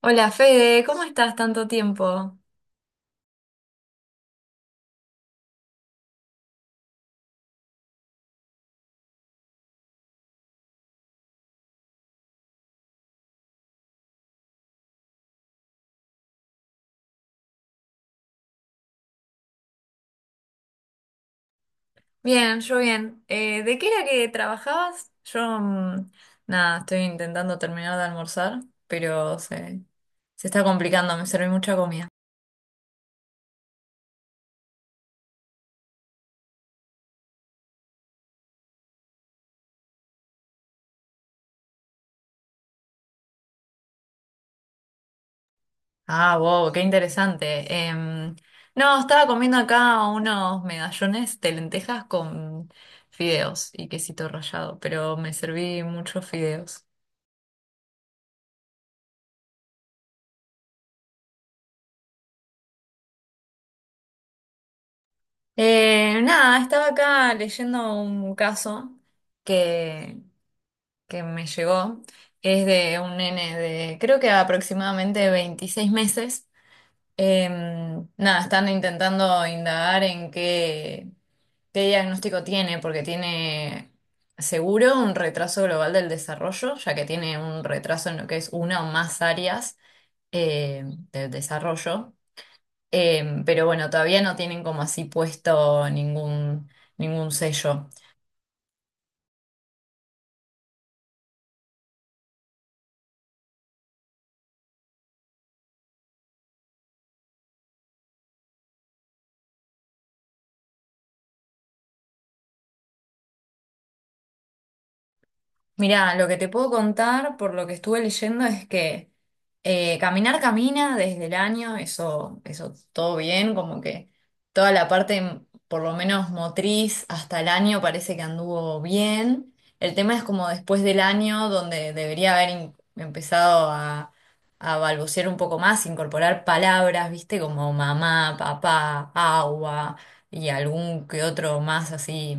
Hola Fede, ¿cómo estás? Tanto tiempo. Bien, yo bien. ¿De qué era que trabajabas? Yo, nada, estoy intentando terminar de almorzar, pero se está complicando, me serví mucha comida. Ah, wow, qué interesante. No, estaba comiendo acá unos medallones de lentejas con fideos y quesito rallado, pero me serví muchos fideos. Nada, estaba acá leyendo un caso que que me llegó, es de un nene de creo que aproximadamente 26 meses. Nada, están intentando indagar en qué diagnóstico tiene, porque tiene seguro un retraso global del desarrollo, ya que tiene un retraso en lo que es una o más áreas eh, del desarrollo. Pero bueno, todavía no tienen como así puesto ningún sello. Mirá, lo que te puedo contar por lo que estuve leyendo es que caminar camina desde el año, eso todo bien, como que toda la parte, por lo menos motriz, hasta el año parece que anduvo bien. El tema es como después del año, donde debería haber empezado a balbucear un poco más, incorporar palabras, viste, como mamá, papá, agua y algún que otro más así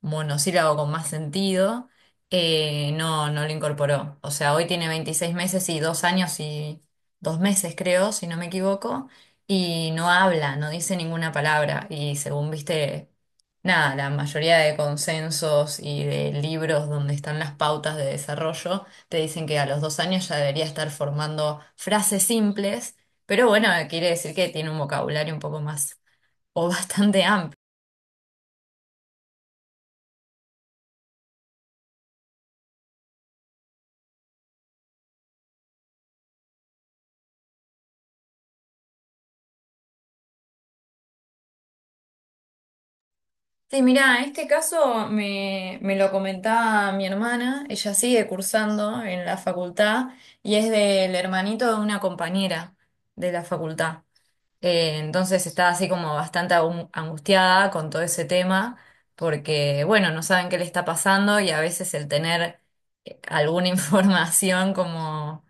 monosílabo con más sentido. No, no lo incorporó. O sea, hoy tiene 26 meses y 2 años y 2 meses, creo, si no me equivoco, y no habla, no dice ninguna palabra. Y según viste, nada, la mayoría de consensos y de libros donde están las pautas de desarrollo te dicen que a los 2 años ya debería estar formando frases simples, pero bueno, quiere decir que tiene un vocabulario un poco más o bastante amplio. Sí, mirá, este caso me lo comentaba mi hermana, ella sigue cursando en la facultad y es del hermanito de una compañera de la facultad. Entonces está así como bastante angustiada con todo ese tema, porque bueno, no saben qué le está pasando y a veces el tener alguna información como,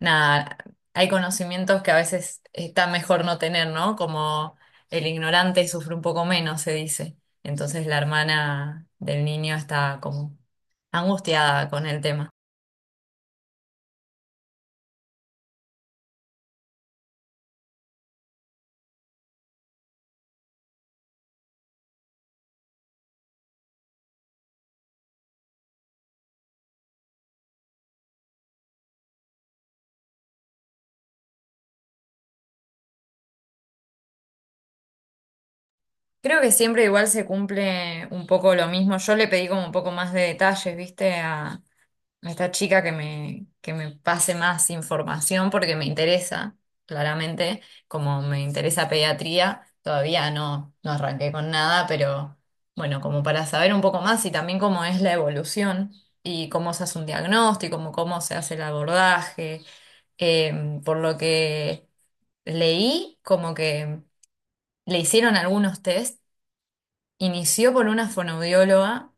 nada, hay conocimientos que a veces está mejor no tener, ¿no? Como el ignorante sufre un poco menos, se dice. Entonces la hermana del niño está como angustiada con el tema. Creo que siempre igual se cumple un poco lo mismo. Yo le pedí como un poco más de detalles, ¿viste? A esta chica, que me pase más información porque me interesa, claramente, como me interesa pediatría, todavía no, no arranqué con nada, pero bueno, como para saber un poco más y también cómo es la evolución y cómo se hace un diagnóstico, cómo se hace el abordaje. Por lo que leí, como que le hicieron algunos test, inició por una fonoaudióloga,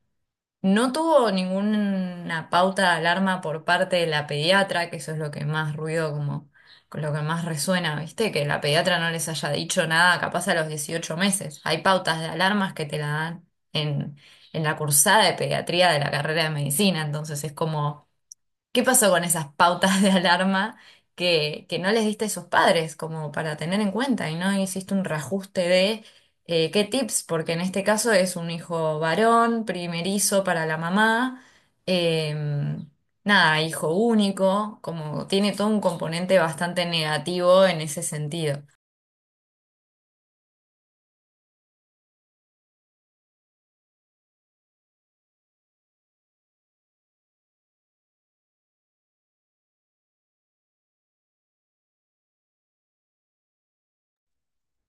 no tuvo ninguna pauta de alarma por parte de la pediatra, que eso es lo que más ruido, como con lo que más resuena, ¿viste? Que la pediatra no les haya dicho nada, capaz a los 18 meses. Hay pautas de alarmas que te la dan en la cursada de pediatría de la carrera de medicina, entonces es como: ¿qué pasó con esas pautas de alarma que no les diste a sus padres como para tener en cuenta y no hiciste un reajuste de qué tips? Porque en este caso es un hijo varón, primerizo para la mamá, eh, nada, hijo único, como tiene todo un componente bastante negativo en ese sentido.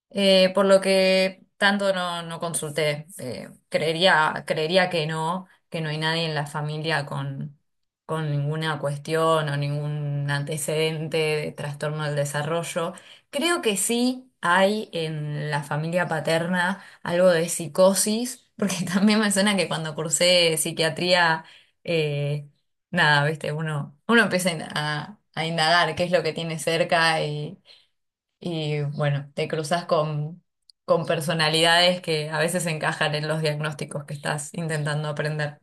Por lo que tanto no, no consulté. Creería que no hay nadie en la familia con ninguna cuestión o ningún antecedente de trastorno del desarrollo. Creo que sí hay en la familia paterna algo de psicosis, porque también me suena que cuando cursé psiquiatría, eh, nada, viste, uno empieza a indagar qué es lo que tiene cerca y bueno, te cruzas con personalidades que a veces encajan en los diagnósticos que estás intentando aprender.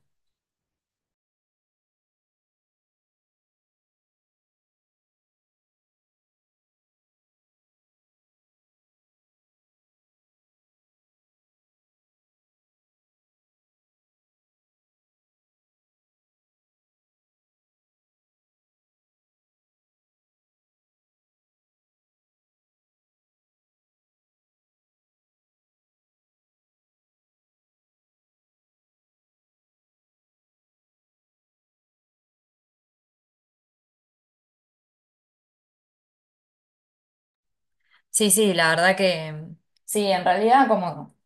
Sí, sí, la verdad que sí, en realidad como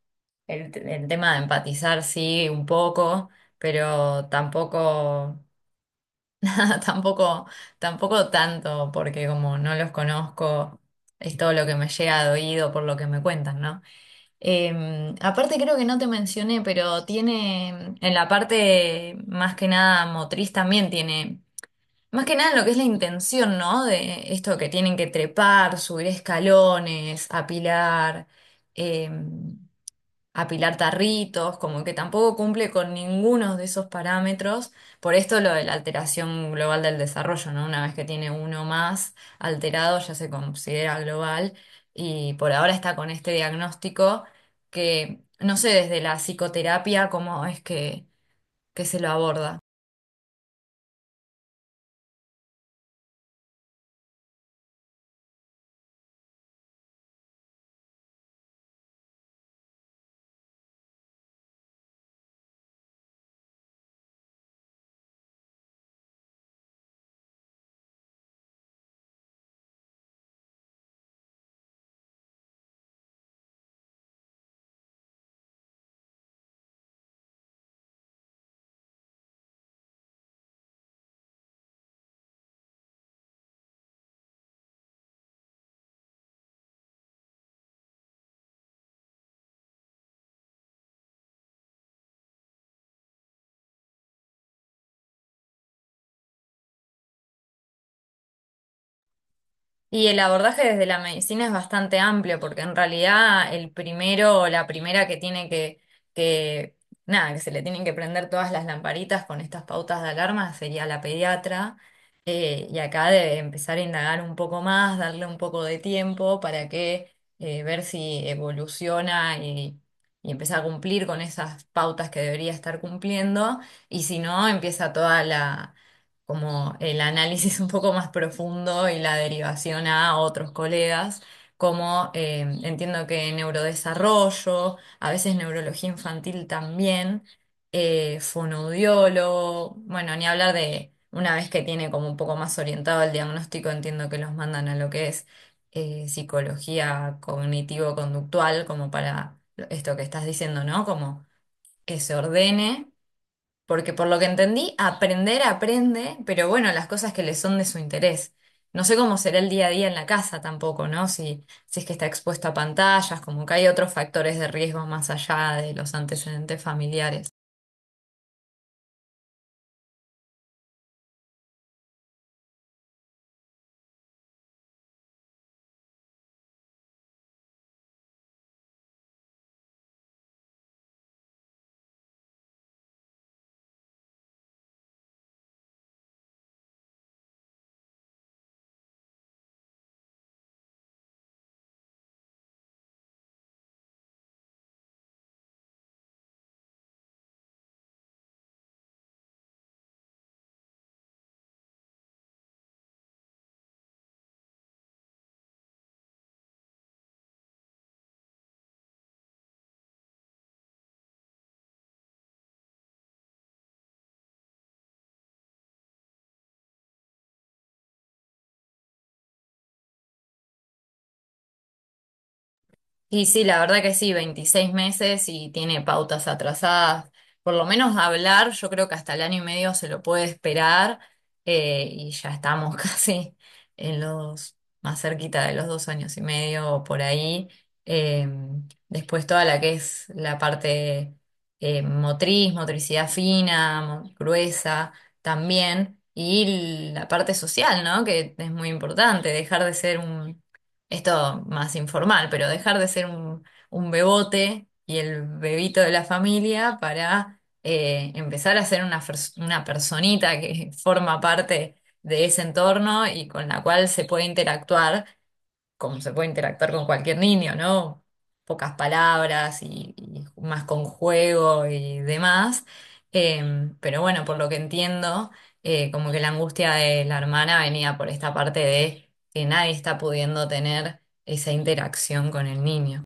el tema de empatizar, sí, un poco, pero tampoco, nada, tampoco tanto, porque como no los conozco, es todo lo que me llega de oído por lo que me cuentan, ¿no? Aparte creo que no te mencioné, pero tiene en la parte más que nada motriz también tiene, más que nada en lo que es la intención, ¿no? De esto que tienen que trepar, subir escalones, apilar. eh, Apilar tarritos, como que tampoco cumple con ninguno de esos parámetros. Por esto lo de la alteración global del desarrollo, ¿no? Una vez que tiene uno más alterado ya se considera global, y por ahora está con este diagnóstico, que no sé desde la psicoterapia cómo es que se lo aborda. Y el abordaje desde la medicina es bastante amplio, porque en realidad el primero o la primera que tiene que, nada, que se le tienen que prender todas las lamparitas con estas pautas de alarma sería la pediatra. Y acá debe empezar a indagar un poco más, darle un poco de tiempo para que ver si evoluciona y empieza a cumplir con esas pautas que debería estar cumpliendo. Y si no, empieza toda como el análisis un poco más profundo y la derivación a otros colegas, como entiendo que neurodesarrollo, a veces neurología infantil también, fonoaudiólogo, bueno, ni hablar de una vez que tiene como un poco más orientado el diagnóstico, entiendo que los mandan a lo que es psicología cognitivo-conductual, como para esto que estás diciendo, ¿no? Como que se ordene. Porque por lo que entendí, aprender aprende, pero bueno, las cosas que le son de su interés. No sé cómo será el día a día en la casa tampoco, ¿no? Si es que está expuesto a pantallas, como que hay otros factores de riesgo más allá de los antecedentes familiares. Y sí, la verdad que sí, 26 meses y tiene pautas atrasadas. Por lo menos hablar, yo creo que hasta el año y medio se lo puede esperar, y ya estamos casi en los más cerquita de los 2 años y medio o por ahí. Eh, Después toda la que es la parte motriz, motricidad fina, gruesa también, y la parte social, ¿no? Que es muy importante, dejar de ser un, esto más informal, pero dejar de ser un bebote y el bebito de la familia para empezar a ser una personita que forma parte de ese entorno y con la cual se puede interactuar como se puede interactuar con cualquier niño, ¿no? Pocas palabras y más con juego y demás. Pero bueno, por lo que entiendo, como que la angustia de la hermana venía por esta parte de que nadie está pudiendo tener esa interacción con el niño.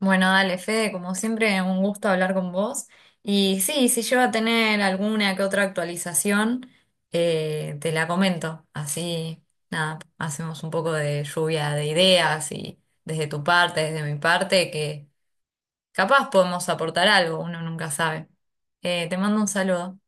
Bueno, dale, Fede, como siempre, un gusto hablar con vos. Y sí, si llego a tener alguna que otra actualización, te la comento. Así, nada, hacemos un poco de lluvia de ideas y desde tu parte, desde mi parte, que capaz podemos aportar algo, uno nunca sabe. Te mando un saludo.